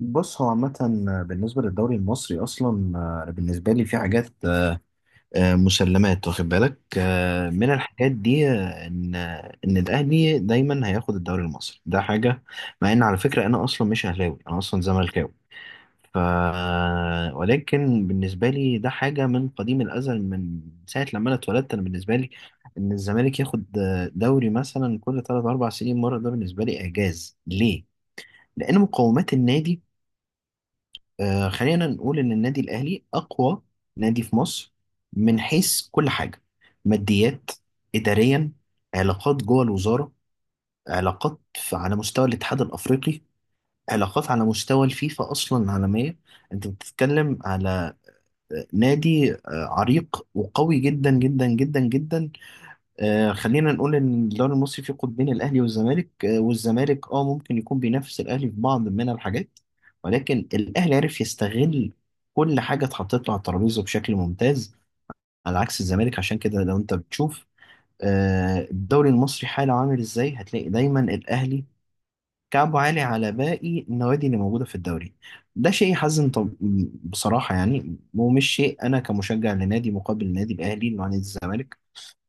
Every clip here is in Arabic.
بص، هو عامة بالنسبة للدوري المصري أصلا، بالنسبة لي في حاجات، مسلمات، واخد بالك من الحاجات دي، إن الأهلي دايما هياخد الدوري المصري، ده حاجة. مع إن على فكرة أنا أصلا مش أهلاوي، أنا أصلا زملكاوي، ف ولكن بالنسبة لي ده حاجة من قديم الأزل، من ساعة لما أنا اتولدت. أنا بالنسبة لي إن الزمالك ياخد دوري مثلا كل تلات أربع سنين مرة، ده بالنسبة لي إعجاز. ليه؟ لأن مقومات النادي، خلينا نقول إن النادي الأهلي أقوى نادي في مصر، من حيث كل حاجة: ماديات، إداريا، علاقات جوه الوزارة، على مستوى الاتحاد الأفريقي، علاقات على مستوى الفيفا أصلا عالمية. أنت بتتكلم على نادي عريق وقوي جدا جدا جدا جدا. خلينا نقول ان الدوري المصري فيه قطبين: الاهلي والزمالك، والزمالك ممكن يكون بينافس الاهلي في بعض من الحاجات، ولكن الاهلي عرف يستغل كل حاجه اتحطت له على الترابيزه بشكل ممتاز، على عكس الزمالك. عشان كده لو انت بتشوف الدوري المصري حاله عامل ازاي، هتلاقي دايما الاهلي كعبه عالي على باقي النوادي اللي موجوده في الدوري. ده شيء يحزن، طب بصراحه يعني، ومش شيء انا كمشجع لنادي مقابل النادي الاهلي وعن الزمالك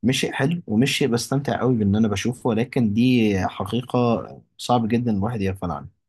مش شيء حلو، ومش شيء بستمتع قوي بان انا بشوفه، ولكن دي حقيقة صعب جدا الواحد يغفل عنها.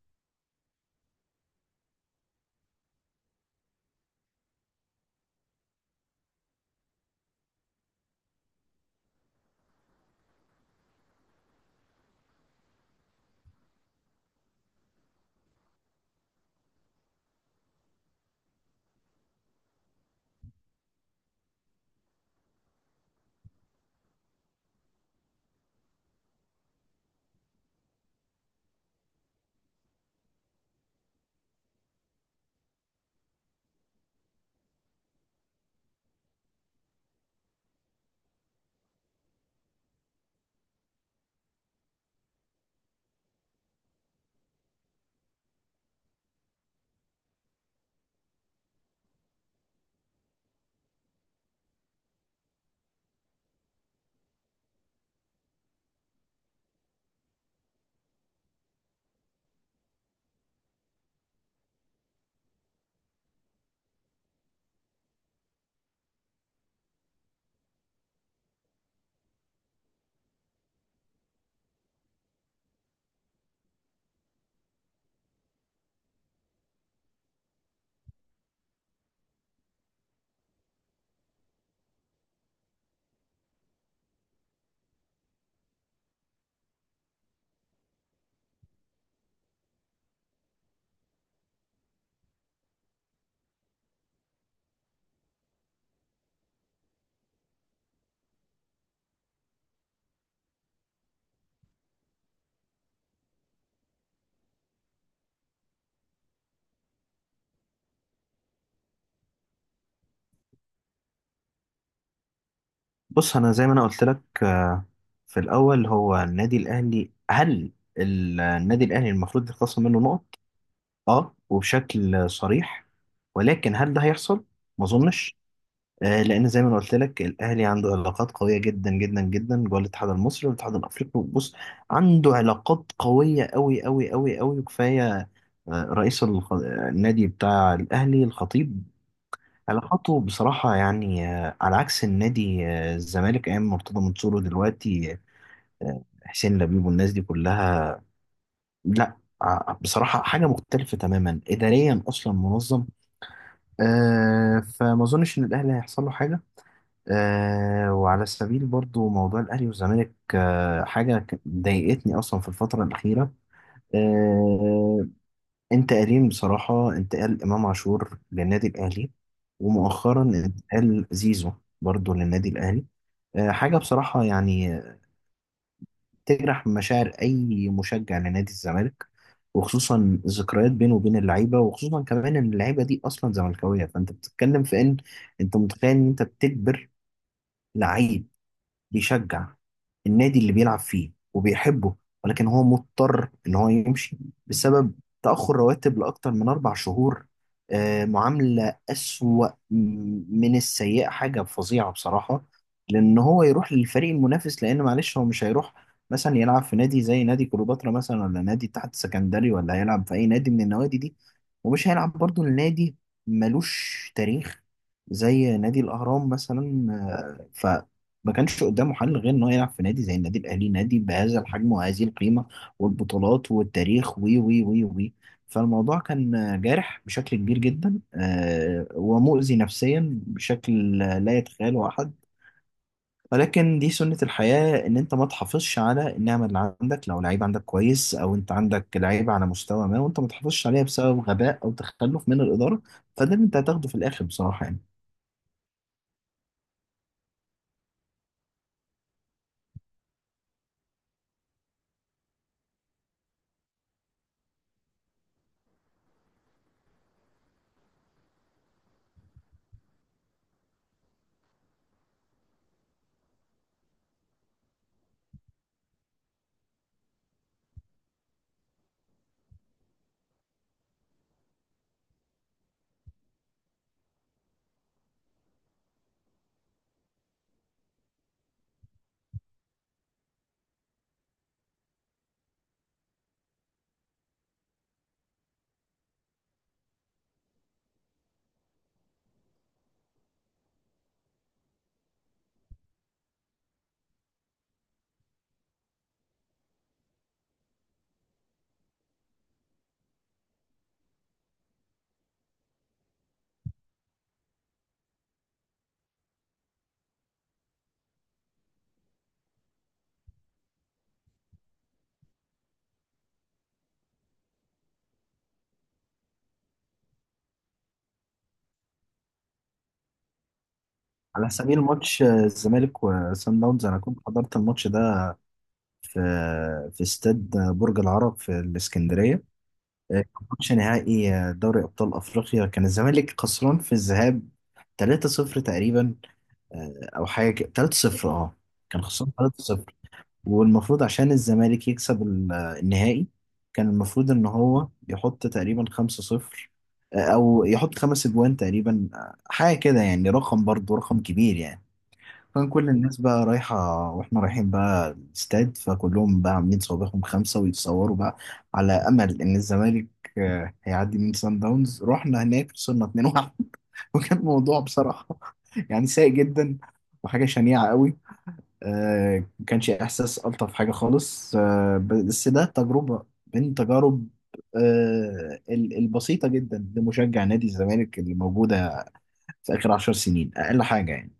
بص، انا زي ما انا قلت لك، في الاول هو النادي الاهلي، هل النادي الاهلي المفروض يتخصم منه نقط؟ اه وبشكل صريح، ولكن هل ده هيحصل؟ ما اظنش. لان زي ما انا قلت لك، الاهلي عنده علاقات قويه جدا جدا جدا جوه الاتحاد المصري والاتحاد الافريقي. بص، عنده علاقات قويه قوي قوي قوي قوي، وكفايه رئيس الخ- آه، النادي بتاع الاهلي الخطيب، علاقاته بصراحه يعني على عكس النادي الزمالك ايام مرتضى منصور ودلوقتي حسين لبيب والناس دي كلها. لا، بصراحه حاجه مختلفه تماما، اداريا اصلا منظم. فما اظنش ان الاهلي هيحصل له حاجه. وعلى سبيل برضو موضوع الأهلي والزمالك، حاجة ضايقتني أصلا في الفترة الأخيرة. آه انتقالين بصراحة: انتقال إمام عاشور للنادي الأهلي، ومؤخرا انتقال زيزو برضو للنادي الأهلي. حاجة بصراحة يعني تجرح مشاعر أي مشجع لنادي الزمالك، وخصوصا الذكريات بينه وبين اللعيبة، وخصوصا كمان إن اللعيبة دي أصلا زملكاوية. فأنت بتتكلم في إن أنت متخيل إن أنت بتجبر لعيب بيشجع النادي اللي بيلعب فيه وبيحبه، ولكن هو مضطر ان هو يمشي بسبب تأخر رواتب لأكتر من 4 شهور. معاملة أسوأ من السيئة، حاجة فظيعة بصراحة. لأن هو يروح للفريق المنافس، لأن معلش هو مش هيروح مثلا يلعب في نادي زي نادي كليوباترا مثلا، ولا نادي الاتحاد السكندري، ولا هيلعب في أي نادي من النوادي دي، ومش هيلعب برضو لنادي ملوش تاريخ زي نادي الأهرام مثلا. آه، ما كانش قدامه حل غير انه يلعب في نادي زي النادي الاهلي، نادي بهذا الحجم وهذه القيمه والبطولات والتاريخ وي وي وي وي. فالموضوع كان جارح بشكل كبير جدا، ومؤذي نفسيا بشكل لا يتخيله احد، ولكن دي سنة الحياة، إن أنت ما تحافظش على النعمة اللي عندك. لو لعيب عندك كويس، أو أنت عندك لعيب على مستوى ما، وأنت ما تحافظش عليها بسبب غباء أو تخلف من الإدارة، فده اللي أنت هتاخده في الآخر بصراحة يعني. على سبيل ماتش الزمالك وسان داونز، أنا كنت حضرت الماتش ده في استاد برج العرب في الإسكندرية. آه، ماتش نهائي دوري أبطال أفريقيا، كان الزمالك خسران في الذهاب 3-0 تقريبا، أو حاجة كده، 3-0 أه، كان خسران 3-0. والمفروض عشان الزمالك يكسب النهائي كان المفروض إن هو يحط تقريبا 5-0، أو يحط 5 أجوان تقريبا، حاجة كده يعني، رقم برضه رقم كبير يعني. كان كل الناس بقى رايحة، واحنا رايحين بقى الاستاد، فكلهم بقى عاملين صوابعهم 5 ويتصوروا بقى، على أمل إن الزمالك هيعدي من سان داونز. رحنا هناك وصلنا 2-1. وكان الموضوع بصراحة يعني سيء جدا، وحاجة شنيعة قوي. ما كانش إحساس ألطف حاجة خالص، بس ده تجربة من تجارب البسيطة جدا لمشجع نادي الزمالك اللي موجودة في آخر 10 سنين، أقل حاجة يعني.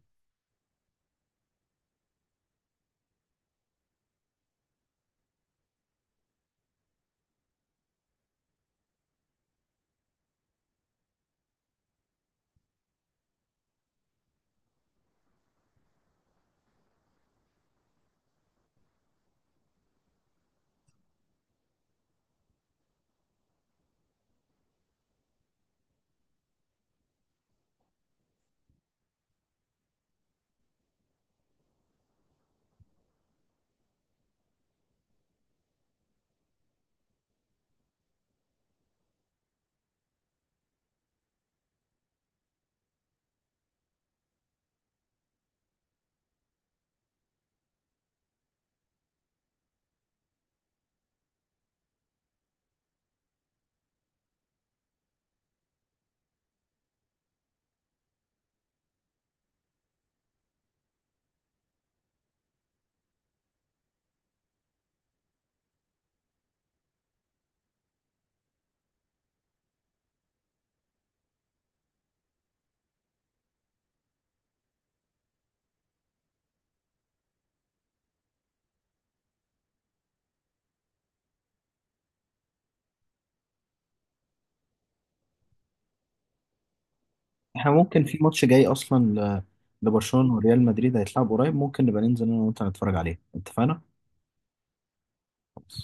احنا ممكن في ماتش جاي اصلا ل- لبرشلونة وريال مدريد هيتلعب قريب، ممكن نبقى ننزل انا وانت نتفرج عليه، اتفقنا؟ خلاص.